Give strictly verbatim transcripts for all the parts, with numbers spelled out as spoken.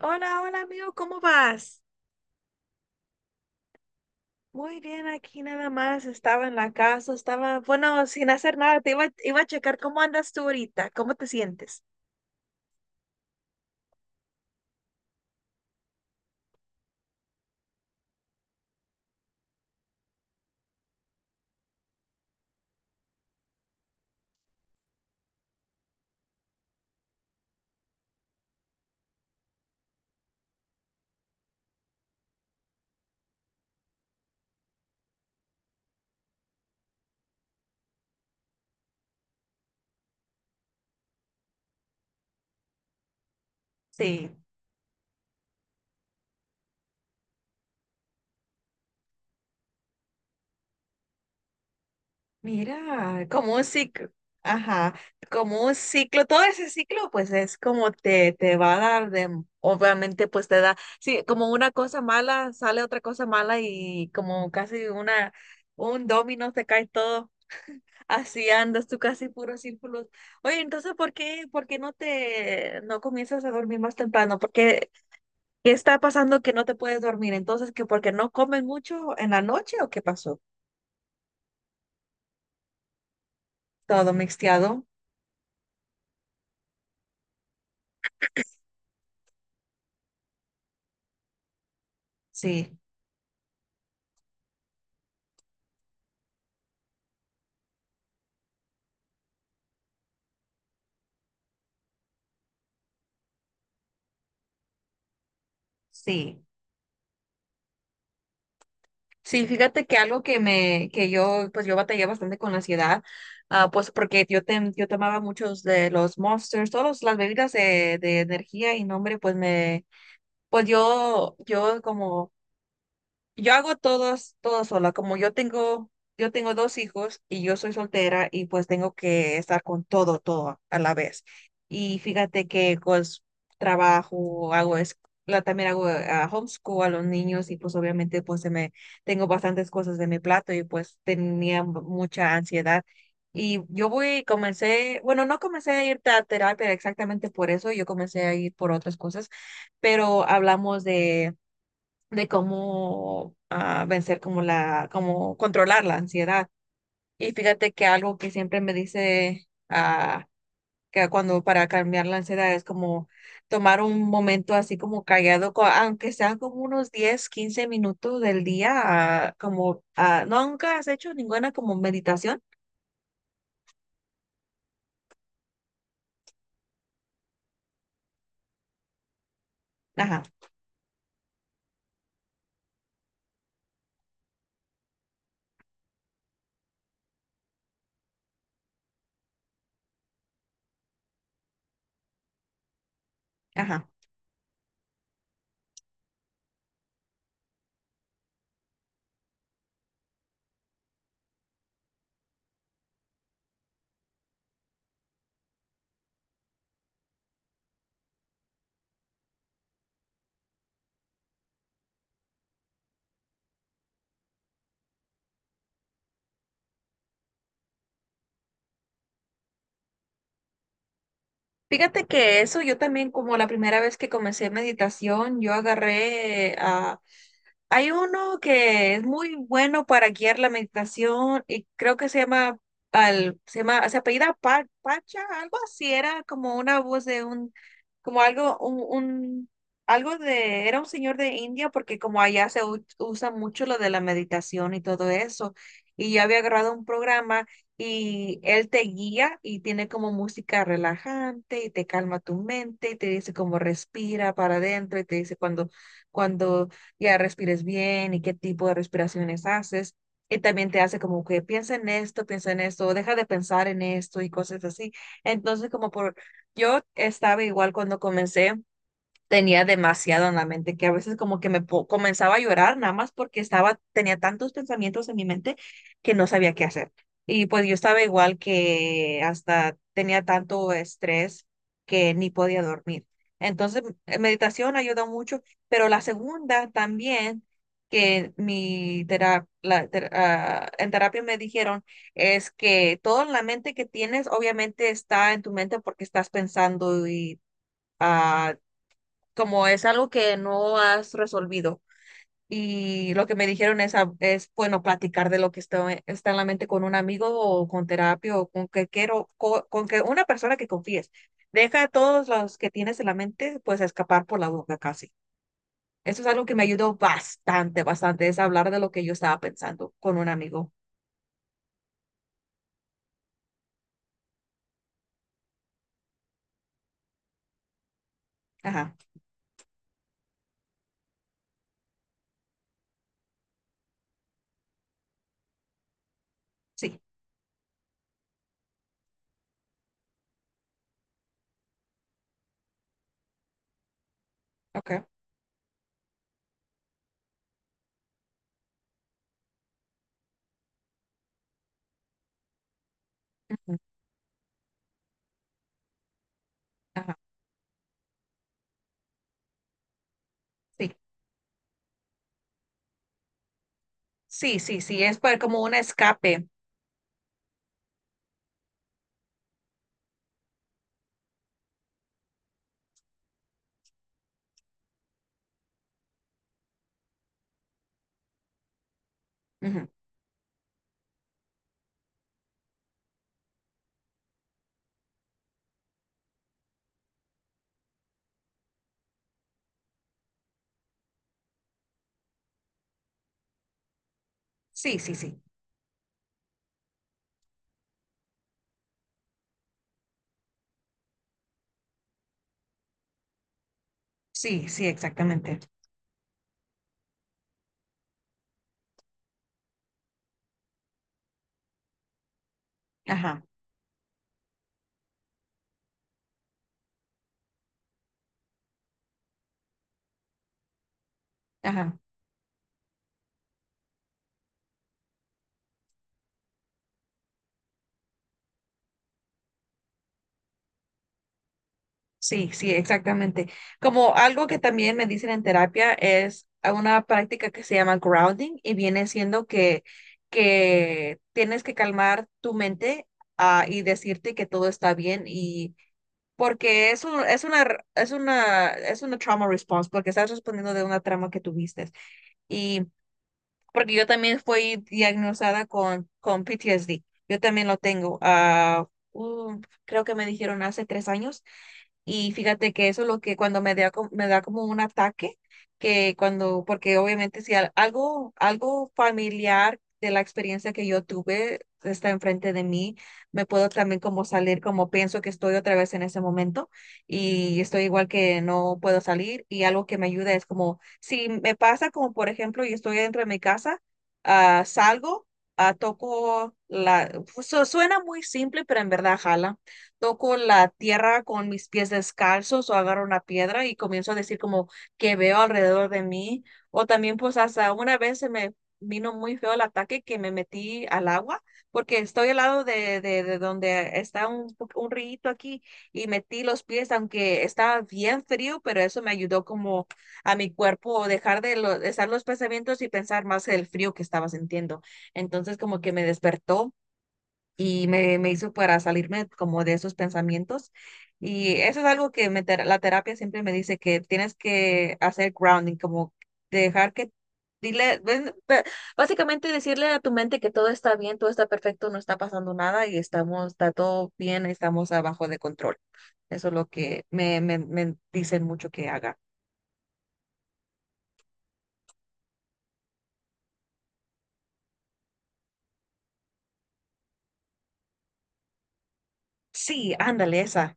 Hola, hola amigo, ¿cómo vas? Muy bien, aquí nada más, estaba en la casa, estaba, bueno, sin hacer nada, te iba, iba a checar cómo andas tú ahorita, cómo te sientes. Sí. Mira, como un ciclo, ajá, como un ciclo, todo ese ciclo pues es como te, te va a dar de, obviamente pues te da, sí, como una cosa mala sale otra cosa mala y como casi una, un dominó te cae todo, así andas tú casi puro círculos. Oye, entonces, ¿por qué, por qué no te, no comienzas a dormir más temprano? Porque, ¿qué qué está pasando que no te puedes dormir? Entonces, ¿que porque no comen mucho en la noche o qué pasó? Todo mixteado, sí, sí. Sí, fíjate que algo que me, que yo, pues yo batallé bastante con la ansiedad, ah, pues porque yo, tem- yo tomaba muchos de los Monsters, todas las bebidas de, de energía y nombre, pues me, pues yo, yo como yo hago todos, todo sola. Como yo tengo, yo tengo dos hijos y yo soy soltera y pues tengo que estar con todo, todo a la vez. Y fíjate que pues trabajo, hago es, la, también hago ah, homeschool a los niños y pues obviamente pues se me, tengo bastantes cosas de mi plato y pues tenía mucha ansiedad. Y yo voy, comencé, bueno, no comencé a ir a terapia exactamente por eso, yo comencé a ir por otras cosas, pero hablamos de de cómo ah, vencer como la, cómo controlar la ansiedad. Y fíjate que algo que siempre me dice ah, que cuando para cambiar la ansiedad es como tomar un momento así como callado, co- aunque sea como unos diez quince minutos del día, ah, como ah, ¿no, nunca has hecho ninguna como meditación? Ajá, ajá. Fíjate que eso yo también, como la primera vez que comencé meditación, yo agarré a... Hay uno que es muy bueno para guiar la meditación y creo que se llama, al, se llama, se apellida Pa- Pacha, algo así, era como una voz de un, como algo, un, un- algo de, era un señor de India porque como allá se u- usa mucho lo de la meditación y todo eso. Y yo había agarrado un programa y él te guía y tiene como música relajante y te calma tu mente y te dice como respira para adentro y te dice cuando, cuando ya respires bien y qué tipo de respiraciones haces. Y también te hace como que piensa en esto, piensa en esto, o deja de pensar en esto y cosas así. Entonces, como por, yo estaba igual cuando comencé tenía demasiado en la mente, que a veces como que me po- comenzaba a llorar nada más porque estaba, tenía tantos pensamientos en mi mente que no sabía qué hacer. Y pues yo estaba igual que hasta tenía tanto estrés que ni podía dormir. Entonces, eh, meditación ayuda mucho, pero la segunda también, que mi tera- la ter- ah, en terapia me dijeron, es que todo en la mente que tienes obviamente está en tu mente porque estás pensando y... ah, como es algo que no has resolvido. Y lo que me dijeron es, a- es bueno, platicar de lo que está, está en la mente con un amigo o con terapia o con que quiero, co- con, que una persona que confíes. Deja a todos los que tienes en la mente, pues, escapar por la boca casi. Eso es algo que me ayudó bastante, bastante, es hablar de lo que yo estaba pensando con un amigo. Ajá, sí, ok. Ujú, ajá, sí, sí, sí, sí, es pa- como un escape. Ujú, sí, sí, sí, sí, sí, exactamente. Ajá, ajá. Sí, sí, exactamente. Como algo que también me dicen en terapia es a una práctica que se llama grounding y viene siendo que, que tienes que calmar tu mente ah, y decirte que todo está bien y porque es un- es una, es una, es una trauma response porque estás respondiendo de una trauma que tuviste porque yo también fui diagnosticada con, con P T S D. Yo también lo tengo. Ah, uh, creo que me dijeron hace tres años. Y fíjate que eso es lo que cuando me da, co- me da como un ataque, que cuando, porque obviamente si al- algo, algo familiar de la experiencia que yo tuve está enfrente de mí, me puedo también como salir como pienso que estoy otra vez en ese momento y estoy igual que no puedo salir y algo que me ayuda es como si me pasa como por ejemplo, y estoy dentro de mi casa, ah, salgo, ah, toco la, pues, su- suena muy simple, pero en verdad jala. Toco la tierra con mis pies descalzos o agarro una piedra y comienzo a decir como que veo alrededor de mí. O también pues hasta una vez se me vino muy feo el ataque que me metí al agua porque estoy al lado de, de, de donde está un, un rito aquí y metí los pies, aunque estaba bien frío, pero eso me ayudó como a mi cuerpo dejar de, lo- de estar los pensamientos y pensar más el frío que estaba sintiendo. Entonces como que me despertó y me, me hizo para salirme como de esos pensamientos. Y eso es algo que me ter- la terapia siempre me dice que tienes que hacer grounding, como dejar que, dile, ven, pe- básicamente decirle a tu mente que todo está bien, todo está perfecto, no está pasando nada y estamos, está todo bien, estamos abajo de control. Eso es lo que me, me, me dicen mucho que haga. Sí, ándale, esa.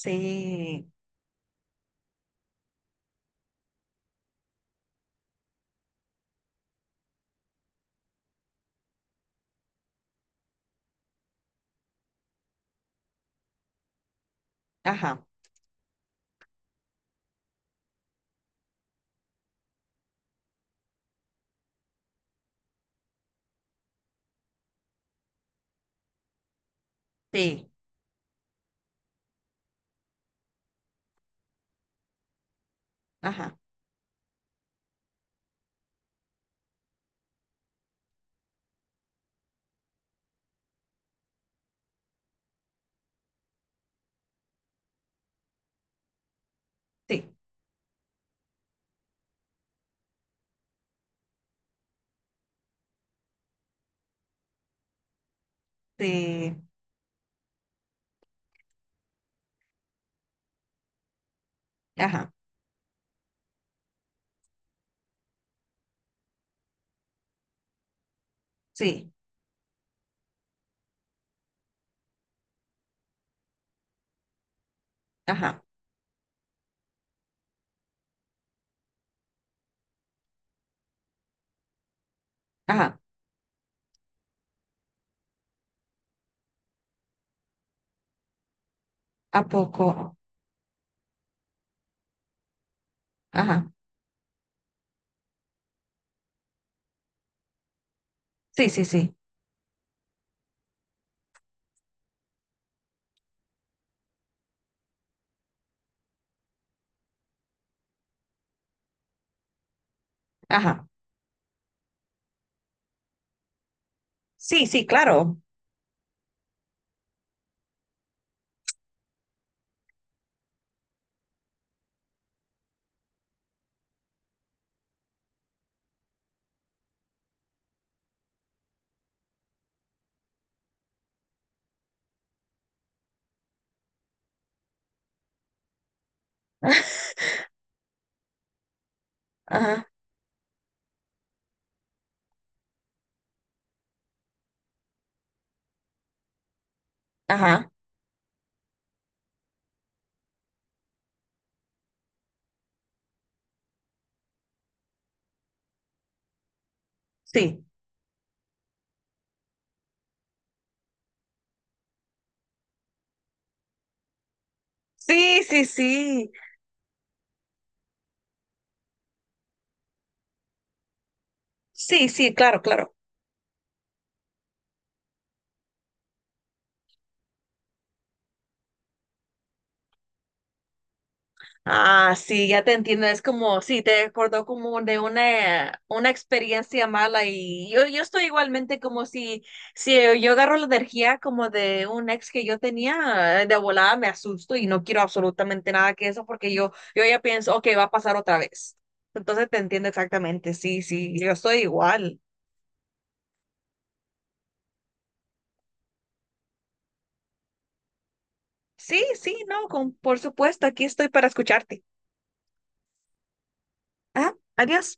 Sí, ajá, sí, ajá, sí, sí, ajá, sí, ajá, ajá, ¿a poco? Ajá, sí, sí, sí, ajá, sí, sí, claro, ajá, ajá, sí, sí, sí, sí, sí, sí, claro, claro. Ah, sí, ya te entiendo. Es como, sí, te recordó como de una, una experiencia mala y yo, yo estoy igualmente como si, si yo agarro la energía como de un ex que yo tenía, eh, de volada me asusto y no quiero absolutamente nada que eso porque yo, yo ya pienso, ok, va a pasar otra vez. Entonces te entiendo exactamente, sí, sí, yo estoy igual. Sí, sí, no, con, por supuesto, aquí estoy para escucharte. Ah, adiós.